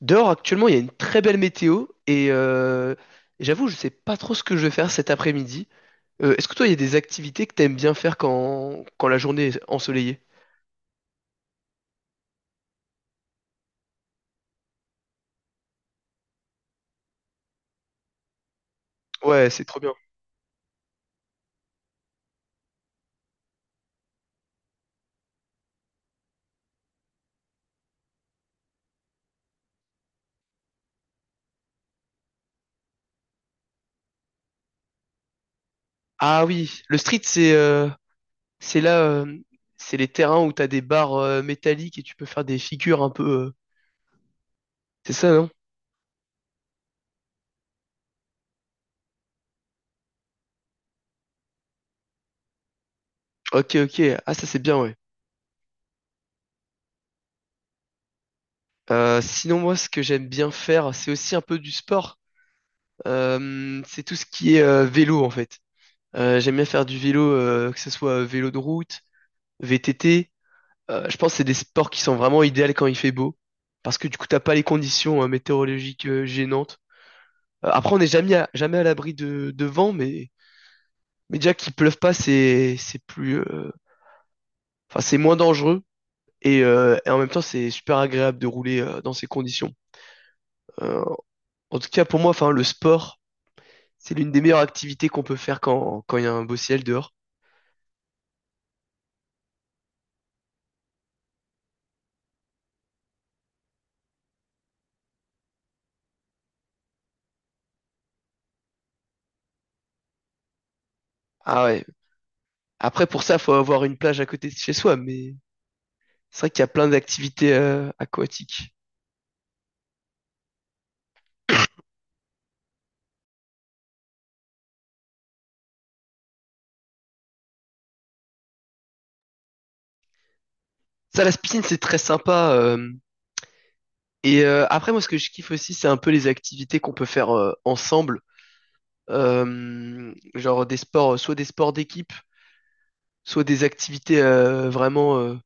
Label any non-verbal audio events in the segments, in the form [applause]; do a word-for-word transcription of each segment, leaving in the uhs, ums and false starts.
Dehors, actuellement, il y a une très belle météo et euh, j'avoue, je sais pas trop ce que je vais faire cet après-midi. Euh, est-ce que toi, il y a des activités que t'aimes bien faire quand, quand la journée est ensoleillée? Ouais, c'est trop bien. Ah oui, le street, c'est euh, c'est là, euh, c'est les terrains où t'as des barres euh, métalliques et tu peux faire des figures un peu. euh, C'est ça, non? Ok, ok. Ah, ça, c'est bien, ouais. Euh, sinon, moi, ce que j'aime bien faire, c'est aussi un peu du sport. Euh, c'est tout ce qui est euh, vélo, en fait. Euh, j'aime bien faire du vélo, euh, que ce soit vélo de route, V T T. Euh, je pense que c'est des sports qui sont vraiment idéaux quand il fait beau, parce que du coup, t'as pas les conditions euh, météorologiques euh, gênantes. Euh, après, on n'est jamais à, jamais à l'abri de, de vent, mais, mais déjà qu'il pleuve pas, c'est c'est plus, euh, enfin, c'est moins dangereux. Et, euh, et en même temps, c'est super agréable de rouler euh, dans ces conditions. Euh, En tout cas, pour moi, enfin, le sport, c'est l'une des meilleures activités qu'on peut faire quand quand il y a un beau ciel dehors. Ah ouais. Après, pour ça, faut avoir une plage à côté de chez soi, mais c'est vrai qu'il y a plein d'activités euh, aquatiques. Ça, la piscine, c'est très sympa. euh, Et euh, après, moi, ce que je kiffe aussi, c'est un peu les activités qu'on peut faire euh, ensemble. Euh, genre des sports, euh, soit des sports d'équipe, soit des activités euh, vraiment, euh,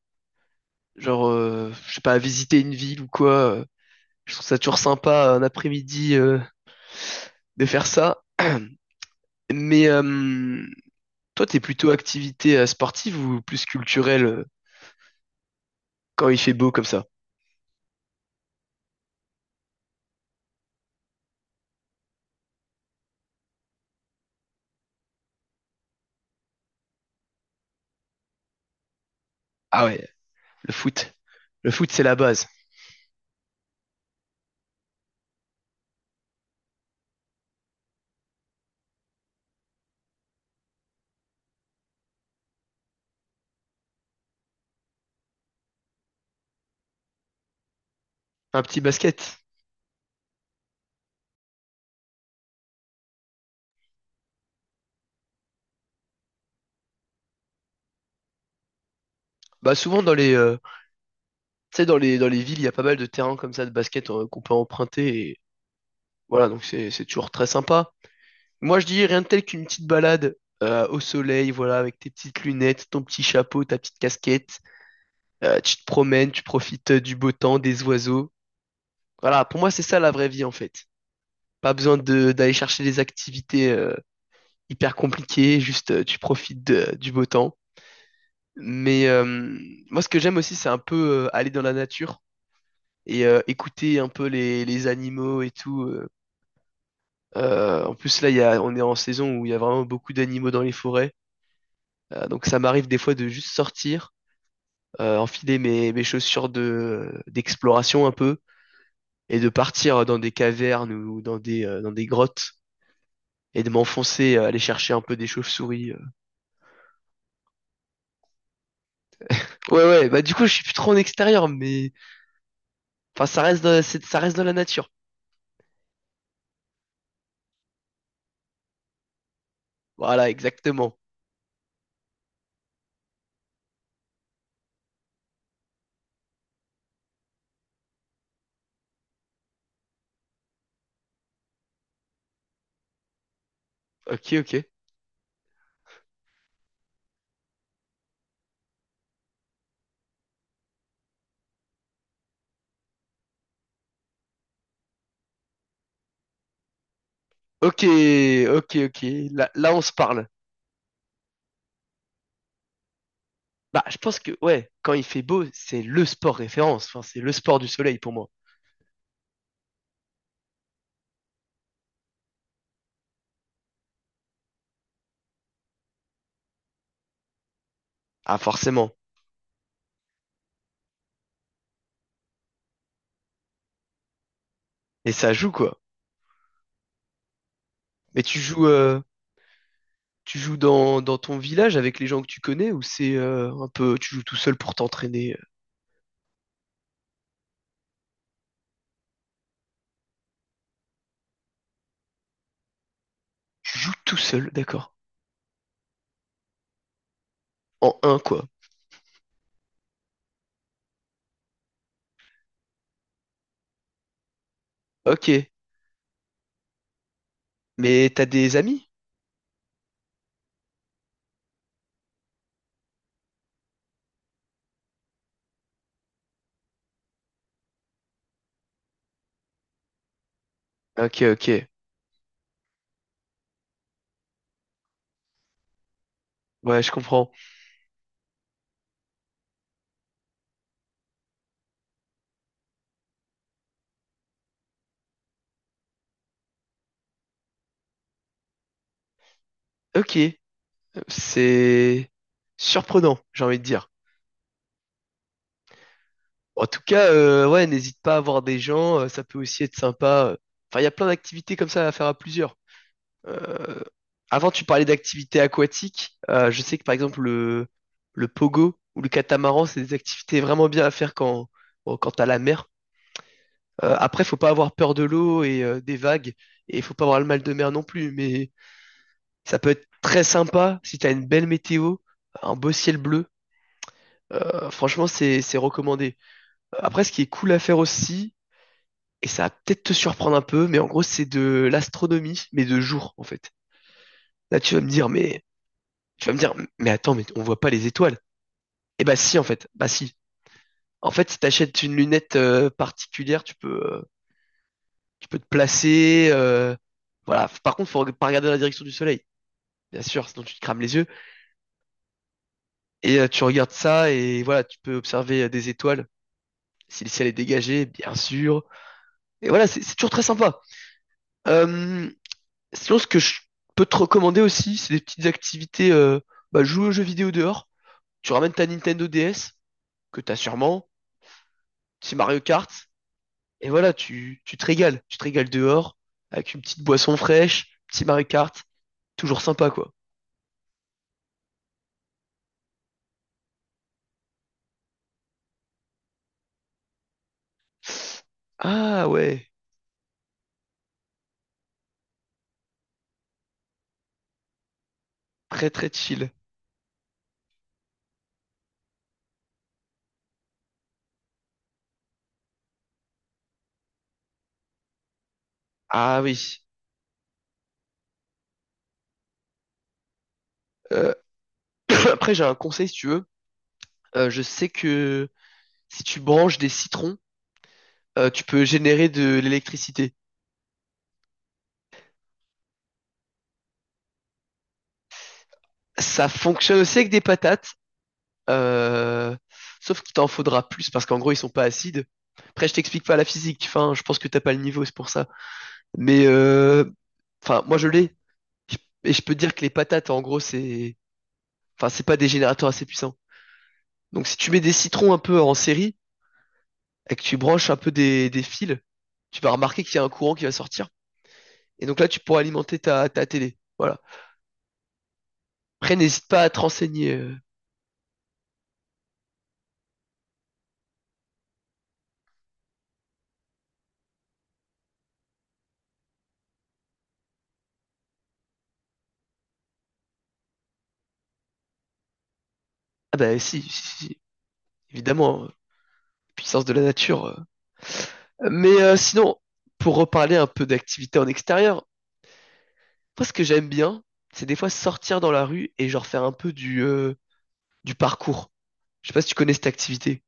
genre, euh, je sais pas, visiter une ville ou quoi. euh. Je trouve ça toujours sympa un après-midi euh, de faire ça. [clears throat] Mais euh, Toi, t'es plutôt activité euh, sportive ou plus culturelle euh, quand il fait beau comme ça? Ah ouais, le foot. Le foot, c'est la base. Un petit basket. Bah souvent dans les, euh, tu sais, dans les, dans les villes, il y a pas mal de terrains comme ça de basket euh, qu'on peut emprunter. Et voilà, donc c'est, c'est toujours très sympa. Moi, je dis rien de tel qu'une petite balade euh, au soleil, voilà, avec tes petites lunettes, ton petit chapeau, ta petite casquette. Euh, tu te promènes, tu profites euh, du beau temps, des oiseaux. Voilà, pour moi, c'est ça la vraie vie en fait. Pas besoin de d'aller chercher des activités euh, hyper compliquées, juste euh, tu profites de- du beau temps. Mais euh, Moi, ce que j'aime aussi, c'est un peu euh, aller dans la nature et euh, écouter un peu les, les animaux et tout. euh. Euh, en plus, là, il y a, on est en saison où il y a vraiment beaucoup d'animaux dans les forêts. Euh, donc, ça m'arrive des fois de juste sortir, euh, enfiler mes, mes chaussures de, d'exploration un peu et de partir euh, dans des cavernes ou dans des euh, dans des grottes et de m'enfoncer, euh, aller chercher un peu des chauves-souris. euh. Ouais, ouais, bah du coup, je suis plus trop en extérieur, mais enfin, ça reste dans, c'est- ça reste dans la nature. Voilà, exactement. Ok, ok. Ok, ok, ok. Là, là, on se parle. Bah, je pense que, ouais, quand il fait beau, c'est le sport référence. Enfin, c'est le sport du soleil pour moi. Ah, forcément. Et ça joue, quoi. Mais tu joues, euh, Tu joues dans, dans ton village avec les gens que tu connais ou c'est euh, un peu tu joues tout seul pour t'entraîner? Tu joues tout seul, d'accord. En un quoi. Ok. Mais t'as des amis? Ok, ok. Ouais, je comprends. Ok. C'est surprenant, j'ai envie de dire. En tout cas, euh, ouais, n'hésite pas à voir des gens, euh, ça peut aussi être sympa. Enfin, il y a plein d'activités comme ça à faire à plusieurs. Euh, Avant, tu parlais d'activités aquatiques. Euh, je sais que par exemple le, le pogo ou le catamaran, c'est des activités vraiment bien à faire quand, bon, quand t'as la mer. Euh, après, faut pas avoir peur de l'eau et euh, des vagues, et faut pas avoir le mal de mer non plus. Mais ça peut être très sympa si t'as une belle météo, un beau ciel bleu. Euh, franchement, c'est c'est recommandé. Après, ce qui est cool à faire aussi, et ça va peut-être te surprendre un peu, mais en gros, c'est de l'astronomie, mais de jour en fait. Là, tu vas me dire, mais tu vas me dire, mais attends, mais on voit pas les étoiles. Eh bah si, en fait. Bah si. En fait, si t'achètes une lunette euh, particulière, tu peux, euh, tu peux te placer. euh, Voilà. Par contre, faut pas regarder dans la direction du soleil. Bien sûr, sinon tu te crames les yeux. Et euh, tu regardes ça et voilà, tu peux observer euh, des étoiles. Si le ciel est dégagé, bien sûr. Et voilà, c'est c'est toujours très sympa. Euh, Sinon, ce que je peux te recommander aussi, c'est des petites activités. Euh, bah, jouer aux jeux vidéo dehors. Tu ramènes ta Nintendo D S, que t'as sûrement. Petit Mario Kart. Et voilà, tu, tu te régales. Tu te régales dehors, avec une petite boisson fraîche, petit Mario Kart, toujours sympa, quoi. Ah ouais, très très chill. Ah oui. Euh, [coughs] [clears throat] après, j'ai un conseil si tu veux. Euh, je sais que si tu branches des citrons, euh, tu peux générer de l'électricité. Ça fonctionne aussi avec des patates, euh, sauf qu'il t'en faudra plus parce qu'en gros, ils sont pas acides. Après, je t'explique pas la physique. Enfin, je pense que t'as pas le niveau, c'est pour ça. Mais euh, enfin, moi je l'ai. Je- Et je peux te dire que les patates, en gros, c'est, enfin, c'est pas des générateurs assez puissants. Donc, si tu mets des citrons un peu en série et que tu branches un peu des, des fils, tu vas remarquer qu'il y a un courant qui va sortir. Et donc là, tu pourras alimenter ta, ta télé. Voilà. Après, n'hésite pas à te renseigner. euh. Ah bah si, si, si, si. Évidemment, euh, puissance de la nature. euh. Mais euh, sinon, pour reparler un peu d'activité en extérieur, moi ce que j'aime bien, c'est des fois sortir dans la rue et genre faire un peu du, euh, du parcours. Je sais pas si tu connais cette activité.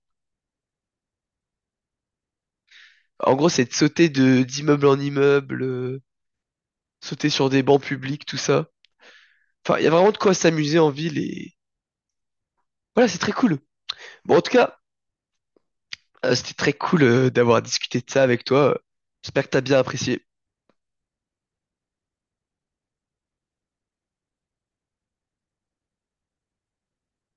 En gros, c'est de sauter de d'immeuble en immeuble, euh, sauter sur des bancs publics, tout ça. Enfin, il y a vraiment de quoi s'amuser en ville et voilà, c'est très cool. Bon, en tout cas, euh, c'était très cool euh, d'avoir discuté de ça avec toi. Euh, J'espère que t'as bien apprécié.